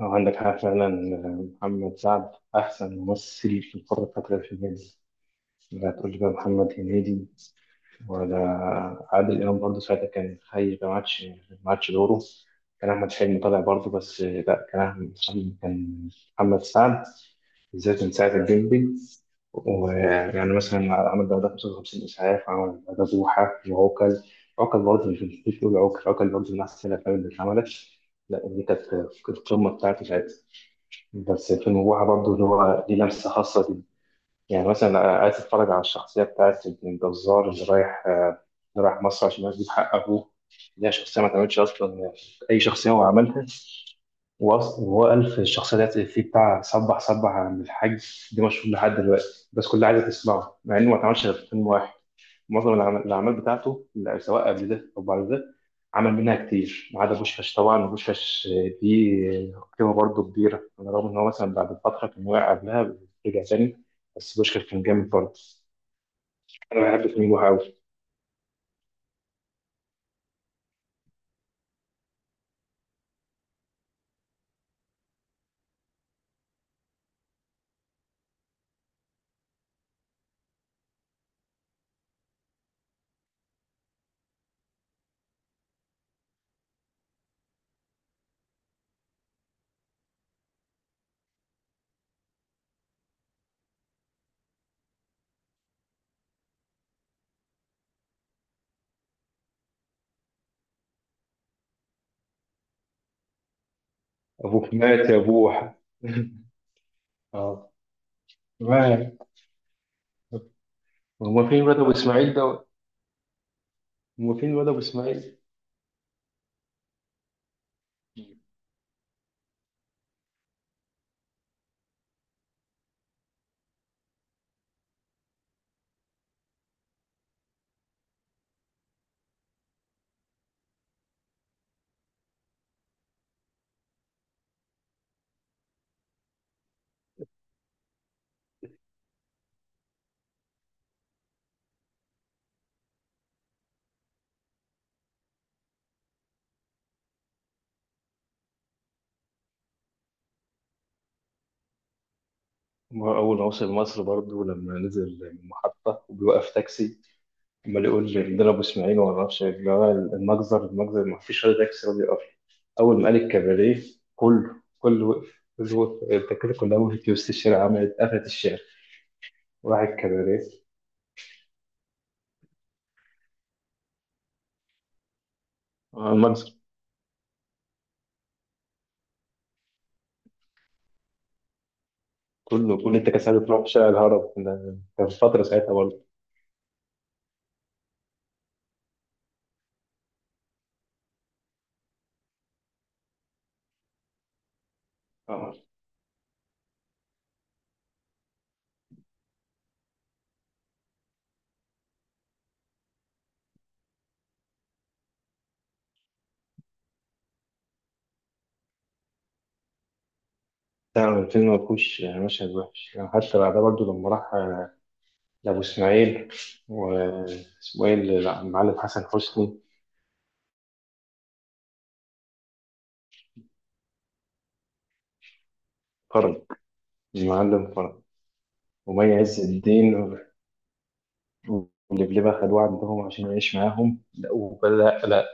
اه، عندك حق فعلا. محمد سعد أحسن ممثل في القارة الفترة في الجاية. لا تقول لي بقى محمد هنيدي ولا عادل إمام، برضه ساعتها كان حي، ما عادش دوره. كان أحمد حلمي طالع برضه، بس لا، كان أحمد حلمي، كان محمد سعد بالذات من ساعة الجندي. ويعني مثلا عمل بعدها 55 إسعاف، عمل بعدها بوحة وعوكل. عوكل برضه، مش بقول عوكل، عوكل برضه من أحسن الأفلام اللي اتعملت. لا، دي كانت القمة بتاعته ساعتها. بس في النبوحة برضه اللي هو ليه لمسة خاصة دي. يعني مثلا عايز اتفرج على الشخصية بتاعت ابن الجزار اللي رايح، اللي رايح مصر عشان يجيب حق أبوه، اللي هي شخصية ما اتعملتش أصلا، أي شخصية هو عملها. وأصلا هو قال في الشخصية ديت في بتاع صبح صبح، عن الحاج دي مشهور لحد دلوقتي، بس كلها عايزة تسمعه مع إنه ما اتعملش غير في فيلم واحد. معظم الاعمال بتاعته، لا، سواء قبل ده او بعد ده، عمل منها كتير ما عدا بوشكاش. طبعا بوشكاش دي قيمه برضه كبيره، على الرغم ان هو مثلا بعد فتره كان واقع قبلها، رجع تاني. بس بوشكاش كان جامد برضه. انا بحب فيلم بوحه قوي. ابوك مات يا بوحه اه. ما- هما فين الواد ابو اسماعيل ده؟ هما فين الواد ابو اسماعيل؟ ما هو أول ما وصل مصر برضه، لما نزل من المحطة وبيوقف تاكسي، عمال يقول لي ضربوا اسماعيل وما اعرفش إيه. اللي هو المجزر، المجزر، ما فيش حد يكسر راضي يقف. اول ما قال الكباريه، كله وقف، كله وقف، التكاتك كلها وقفت في وسط الشارع، عملت قفلت الشارع، وراح الكباريه. آه، المجزر. كل التكاسات بتروح في شارع الهرب ده، كان فترة ساعتها برضه. آه. بتاع الفيلم ما فيهوش مشهد وحش يعني، حتى بعدها برضه لما راح، لأبو إسماعيل، واسمه إيه لا، المعلم حسن حسني. فرج. المعلم فرج. ومي عز الدين ولبلبة خدوه عندهم عشان يعيش معاهم، لا ولا لا،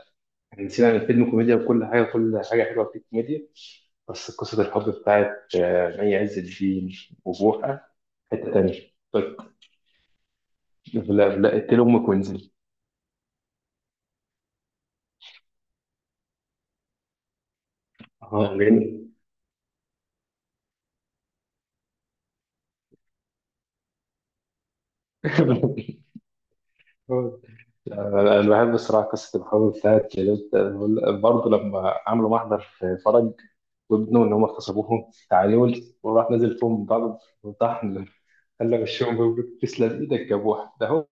احنا نسينا ان الفيلم كوميديا، وكل حاجة حلوة فيه كوميديا. بس قصة الحب بتاعت، مي عز الدين وبوحة حتة تانية. طيب، لا لا اقتلي أمك وانزلي. اه جميل. أنا بحب الصراحة قصة الحب بتاعت برضه لما عملوا محضر في فرج وابنه إن هم اغتصبوهم، تعالوا، وراح نازل فيهم بعض وطحن، خلى وشهم يقولوا تسلم إيدك يا بوحة ده هو.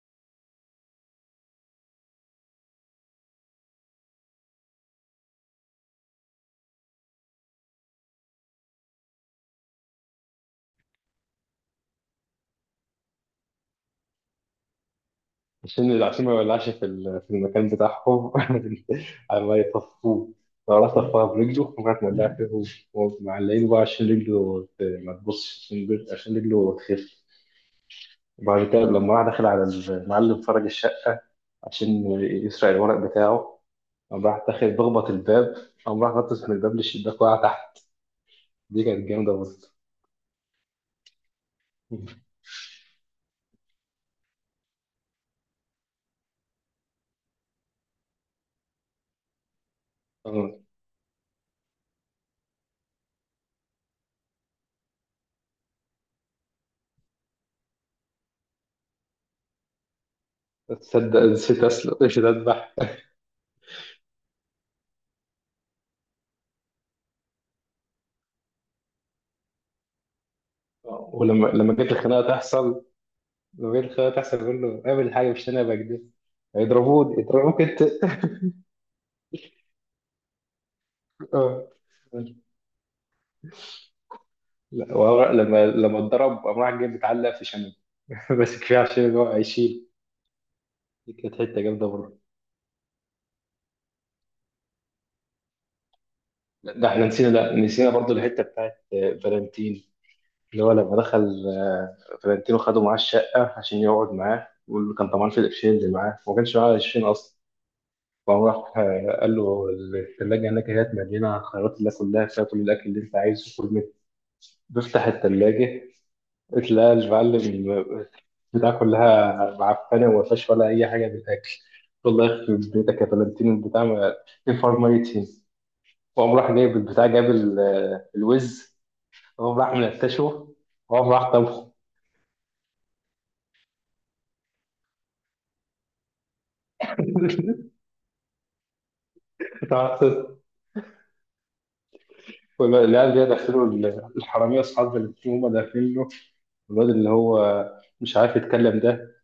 عشان ما يولعش في المكان بتاعهم، على ما يطفوه. لو راح طفاها برجله ممكن تولع فيه. هو معلقينه بقى عشان رجله ما تبصش، عشان رجله تخف. وبعد كده لما راح داخل على المعلم فرج الشقة عشان يسرق الورق بتاعه، قام راح داخل بخبط الباب، قام راح نطس من الباب للشباك، وقع تحت. دي كانت جامدة برضه. آه، تصدق نسيت أسلق نسيت أذبح. ولما كانت الخناقة تحصل، لو جيت الخيار تحصل، يقول له اعمل حاجه، مش انا بكده، هيضربوني يضربوك انت. اه. لا، وهو لما اتضرب قام راح جاي متعلق في شنب، بس كفايه عشان اللي هو هيشيل. دي كانت حته جامده برضه. ده احنا نسينا، لا، نسينا برضه الحته بتاعت، فالنتين. اللي هو لما دخل، فالنتين وخده معاه الشقه عشان يقعد معاه، واللي كان طمعان في القرشين اللي معاه، وما كانش معاه قرشين اصلا. فقام راح، قال له الثلاجه هناك هي مليانه خيارات الله، كلها فيها، كل الاكل اللي انت عايزه كل منه. بيفتح الثلاجه، لا، المعلم بتاع كلها معفنه وما فيهاش ولا اي حاجه بتاكل. والله يخرب بيتك يا فلانتين البتاع، ما الفار ميتين. وقام راح جايب البتاع، الوز، وقام راح منتشه، وقام راح طبخه. تعرف- والعيال دي داخلوا، الحراميه اصحاب فلانتين هم داخلين له، الواد اللي هو مش عارف يتكلم ده،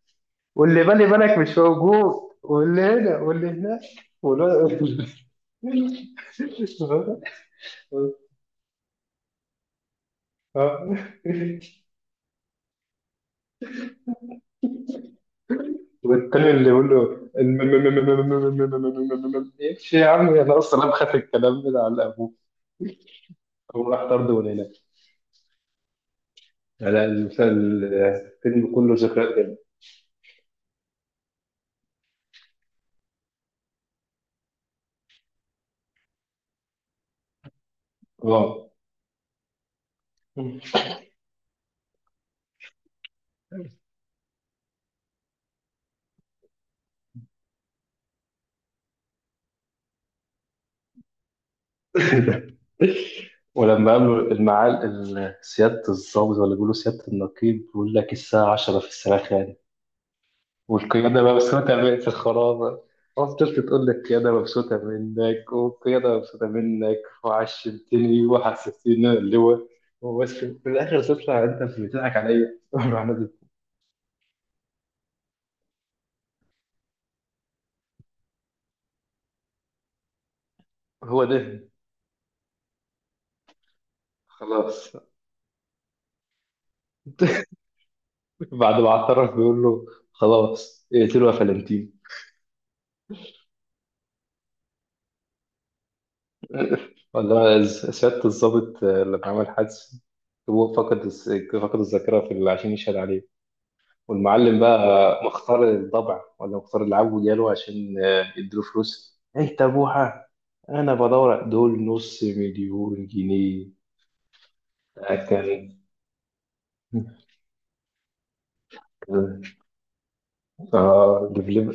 واللي بالي بالك مش موجود، واللي هنا واللي هناك، والواد. اه. والتاني اللي يقول له امشي يا عم، انا اصلا بخاف الكلام ده على ابوه. هو راح طرد من هنا. لا، المسلسل، الفيلم كله ذكريات جدا. اه. ولما قالوا سيادة الضابط ولا بيقولوا سيادة النقيب، بيقول لك الساعة 10 في الساعة، والقيادة مبسوطة من في الخرابة، خلاص طفل تقول لك القيادة مبسوطة منك والقيادة مبسوطة منك، وعشمتني وحسستني إن أنا اللواء، وبس في الآخر تطلع أنت بتضحك عليا. الواحد هو ده. خلاص. بعد ما اعترف بيقول له خلاص اقتلوا يا فلنتين. ولا سيادة الضابط، لما عمل حادثة، هو فقد فقد الذاكرة عشان يشهد عليه، والمعلم بقى مختار الضبع ولا مختار العب وجاله عشان، يديله فلوس ايه تابوها. انا بدور دول نص مليون جنيه. اكل. اه لبلب.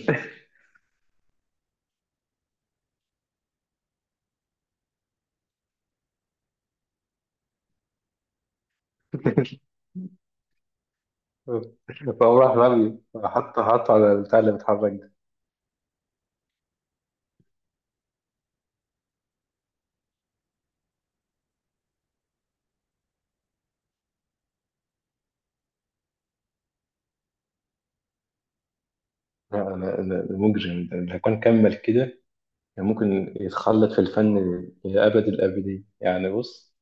فهو راح رمي، حط حط على البتاع اللي بيتحرك ده. لا، انا مجرم ده، لو كان كمل كده كان ممكن يتخلد في الفن لابد الابدين. يعني بص،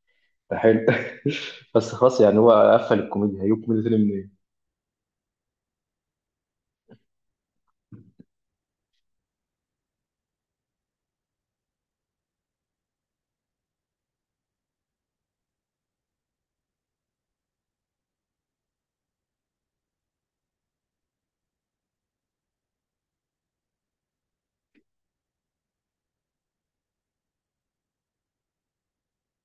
ده حلو، بس خلاص يعني هو قفل الكوميديا هيجيب كوميديا تاني.